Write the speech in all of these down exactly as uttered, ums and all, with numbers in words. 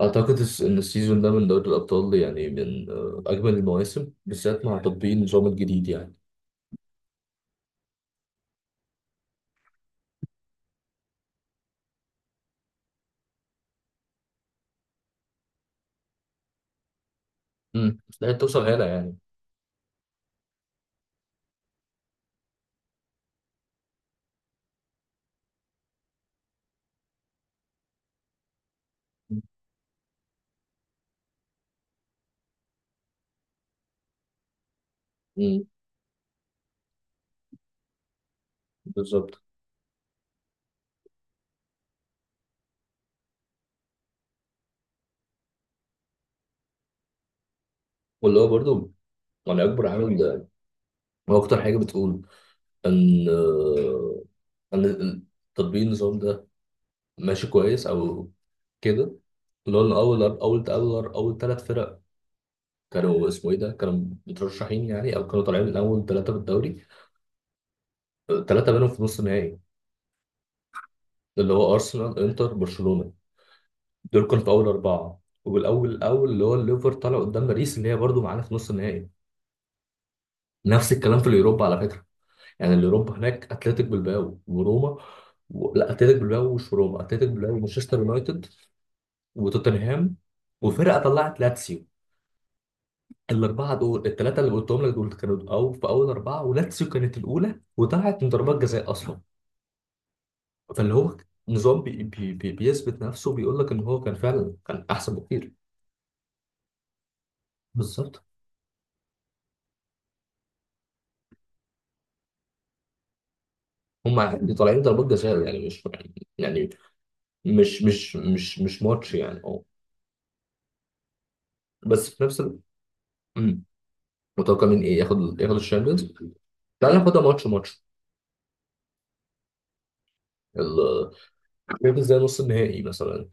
أعتقد الس- إن السيزون ده من دوري الأبطال يعني من آه، أجمل المواسم بالذات مع تطبيق النظام الجديد يعني. امم لا توصل هنا يعني. امم بالظبط. واللي هو برضه يعني أكبر عامل ده، هو أكتر حاجة بتقول إن آه، إن ال- تطبيق النظام ده ماشي كويس أو كده، اللي هو إن أول أول أول أول ثلاث فرق كانوا اسمه إيه ده كانوا مترشحين يعني، أو كانوا طالعين من أول ثلاثة في الدوري. ثلاثة منهم في نص النهائي، اللي هو أرسنال إنتر برشلونة. دول كانوا في اول اربعه، والاول الاول اللي هو الليفر طلع قدام باريس اللي هي برضو معانا في نص النهائي. نفس الكلام في اليوروبا على فكره، يعني اليوروبا هناك اتلتيك بالباو وروما و... لا، اتلتيك بالباو مش روما، اتلتيك بالباو ومانشستر يونايتد وتوتنهام وفرقه طلعت لاتسيو. الاربعه دول الثلاثه اللي قلتهم لك دول كانوا او في اول اربعه، ولاتسيو كانت الاولى وطلعت من ضربات جزاء اصلا. فاللي هو نظام بي... بي... بي... بيثبت نفسه، بيقول لك ان هو كان فعلا كان احسن بكتير. بالظبط. هما دي طالعين ضربات جزاء يعني، مش يعني يعني، مش مش مش مش ماتش يعني، اه. بس في نفس ال... مم. متوقع مين، ايه ياخد، ياخد الشامبيونز. تعال ناخدها ماتش ماتش. ال- شايف ازاي نص النهائي مثلا؟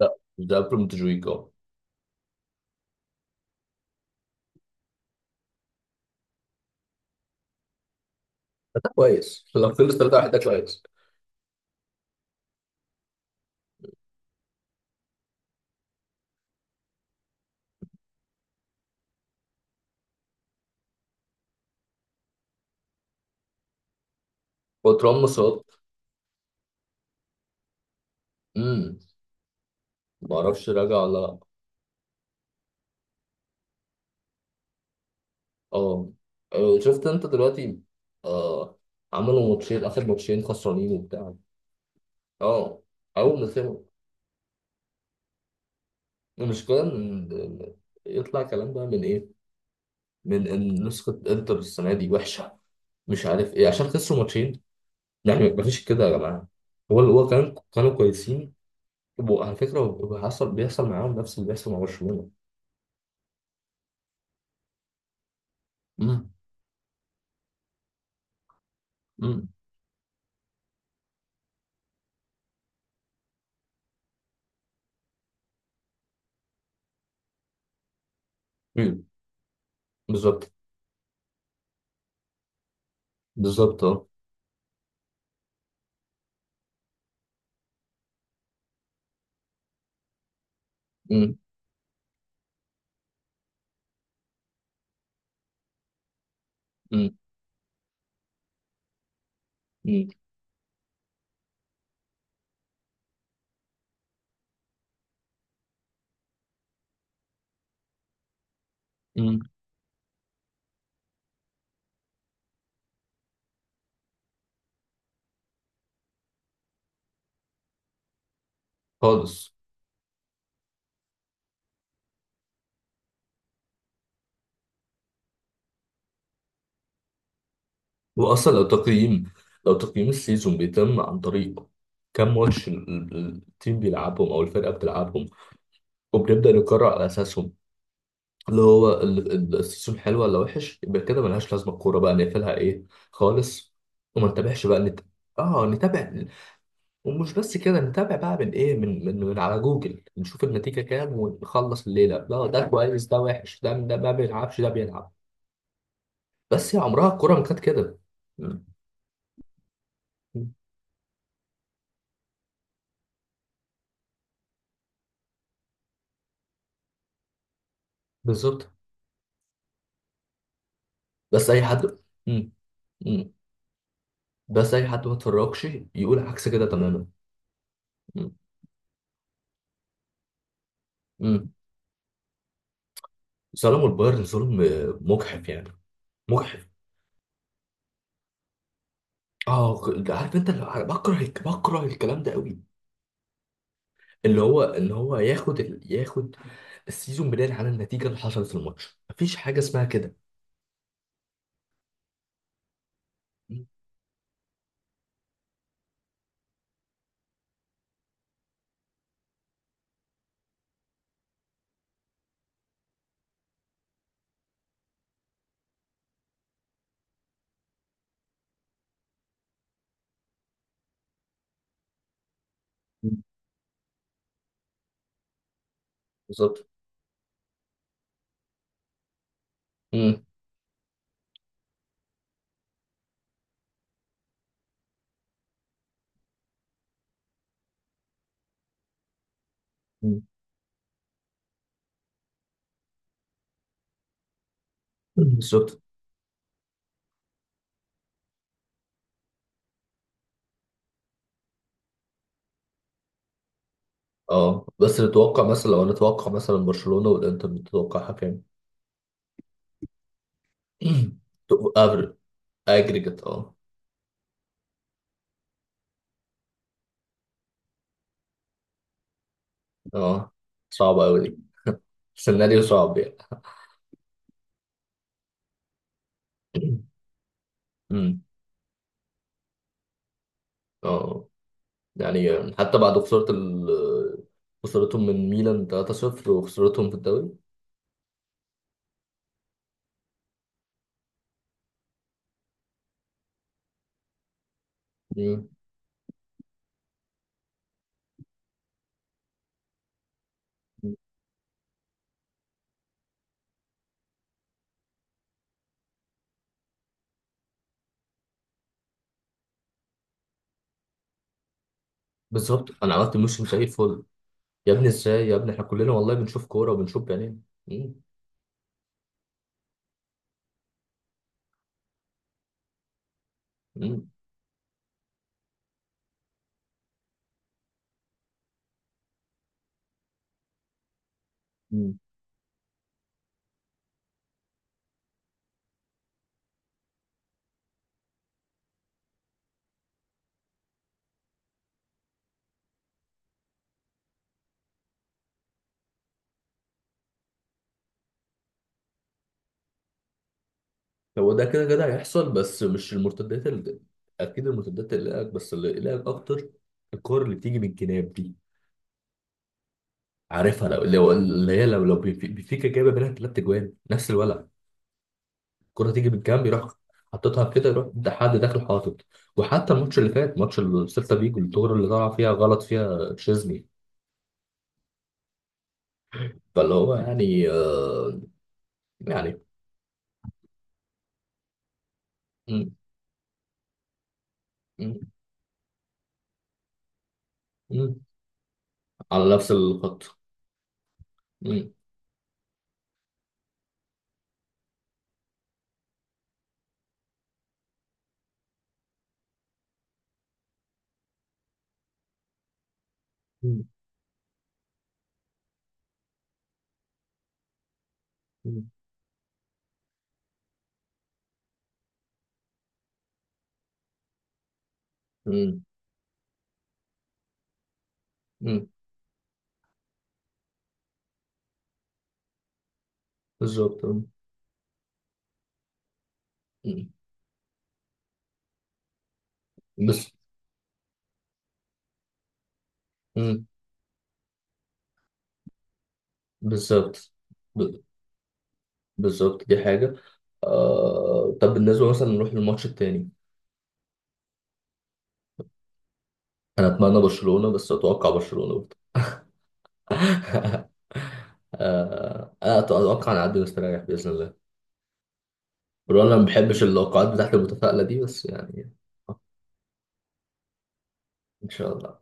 لا، ده قبل مونتجويك، اه. ده كويس، لو خلص ثلاثة واحد ده كويس. وترام مصاب. امم ما اعرفش راجع ولا لا. اه، آه، شفت انت دلوقتي؟ آه. عملوا ماتشين، اخر ماتشين خسرانين وبتاع. اه. اول ما سمعوا المشكلة إن إن- يطلع كلام بقى من إيه؟ من إن نسخة إنتر السنة دي وحشة، مش عارف إيه عشان خسروا ماتشين. يعني مفيش كده يا جماعة. هو هو كان كانوا كويسين. وعلى فكرة هو حصل، بيحصل معاهم نفس اللي بيحصل مع برشلونة. أمم، أمم، أمم. بالظبط. بالظبط، أه. أمم، أمم، أمم، أمم. خالص. وأصلا لو تقييم، لو تقييم السيزون بيتم عن طريق كم ماتش ال- ال- التيم بيلعبهم أو الفرقة بتلعبهم، وبنبدأ نقرر على أساسهم اللي هو ال- ال- السيزون حلو ولا وحش، يبقى كده ملهاش لازمه الكوره، بقى نقفلها ايه، خالص. وما نتابعش بقى نت... اه نتابع. ومش بس كده، نتابع بقى من ايه، من من, من على جوجل نشوف النتيجه كام ونخلص الليله، لا ده كويس ده وحش، ده ده ما بيلعبش ده بيلعب. بس يا عمرها الكوره ما كانت كده. م. بالظبط. بس اي حد م. م. بس اي حد ما اتفرجش يقول عكس كده تماما. م. م. ظلموا البايرن ظلم مجحف يعني. مجحف. اه ك- عارف انت اللي عارف- بكره الك- بكره الكلام ده قوي، اللي هو اللي هو ياخد ال... ياخد السيزون بناء على النتيجه اللي حصلت في الماتش. مفيش حاجه اسمها كده. مم. بالظبط. مم. مم. بالظبط. اه، بس نتوقع مثلا، لو نتوقع مثلا برشلونه والانتر، نتوقع حكام افريج، اجريجيت اه. اه، صعبه قوي دي، سيناريو صعب يعني. مم. اه، يعني حتى بعد خساره ال... خسارتهم من ميلان ثلاثة صفر وخسارتهم في الدوري. مم. بالظبط. انا عملت موشن زي الفل، يا ابني ازاي يا ابني، احنا كلنا والله بنشوف كوره وبنشوف بعينينا. مم. مم. مم. هو ده كده، كده هيحصل، بس مش المرتدات اللي... اكيد المرتدات اللي قلقك، بس اللي قلقك اكتر الكور اللي بتيجي من الجناب دي. عارفها، لو لو- اللي هي لو لو بيف- بيفيكا جايبه منها ثلاث اجوان نفس الولع. الكره تيجي من الجنب، يروح حطيتها كده، يروح ده حد داخل حاطط. وحتى الماتش اللي فات، ماتش السيلتا فيجو، الكوره اللي طلع فيها غلط فيها تشيزني. فاللي هو يعني آه، يعني. مم. مم. مم. على نفس الخط. مم. مم. مم. مم. مم. بالظبط. مم. مم. بس. مم. بالظبط. ب- بالظبط دي حاجة. آه... طب بالنسبة مثلا نروح للماتش التاني. أنا أتمنى برشلونة بس أتوقع برشلونة برضه. آه... أنا أتوقع نعدي مستريح بإذن الله، برغم أنا ما بحبش اللقاءات بتاعت المتفائلة دي بس يعني. إن شاء الله.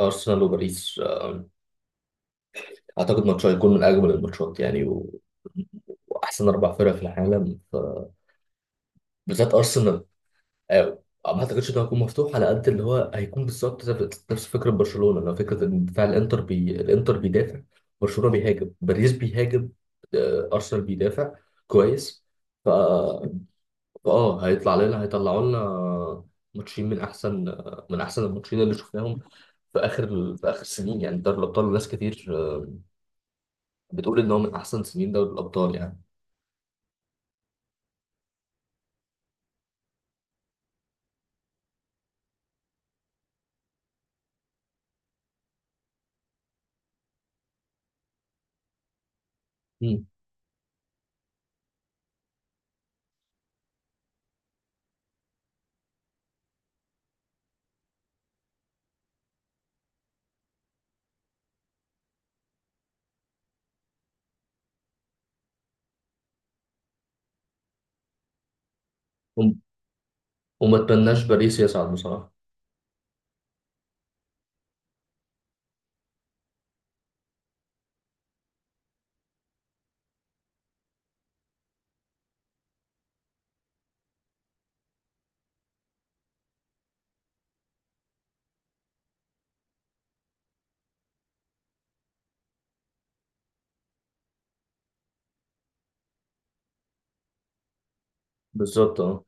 أرسنال وباريس، آه، اعتقد ماتش هيكون من اجمل الماتشات يعني و... واحسن اربع فرق في العالم ف... بالذات ارسنال، آه، ما اعتقدش انه هيكون مفتوح على قد اللي هو هيكون بالظبط، نفس نفس فكره برشلونه، لو فكره ان دفاع الانتر بي... الانتر بيدافع، برشلونه بيهاجم، باريس بيهاجم، آه، ارسنال بيدافع. كويس. ف اه هيطلع لنا، هيطلعوا لنا ماتشين من احسن، من احسن الماتشين اللي شفناهم في اخر، في اخر سنين يعني. دوري الابطال ناس كتير بتقول ان هو من احسن سنين دوري الابطال يعني. مم. وم- وما اتمناش باريس يصعد بصراحة. بالظبط، اه.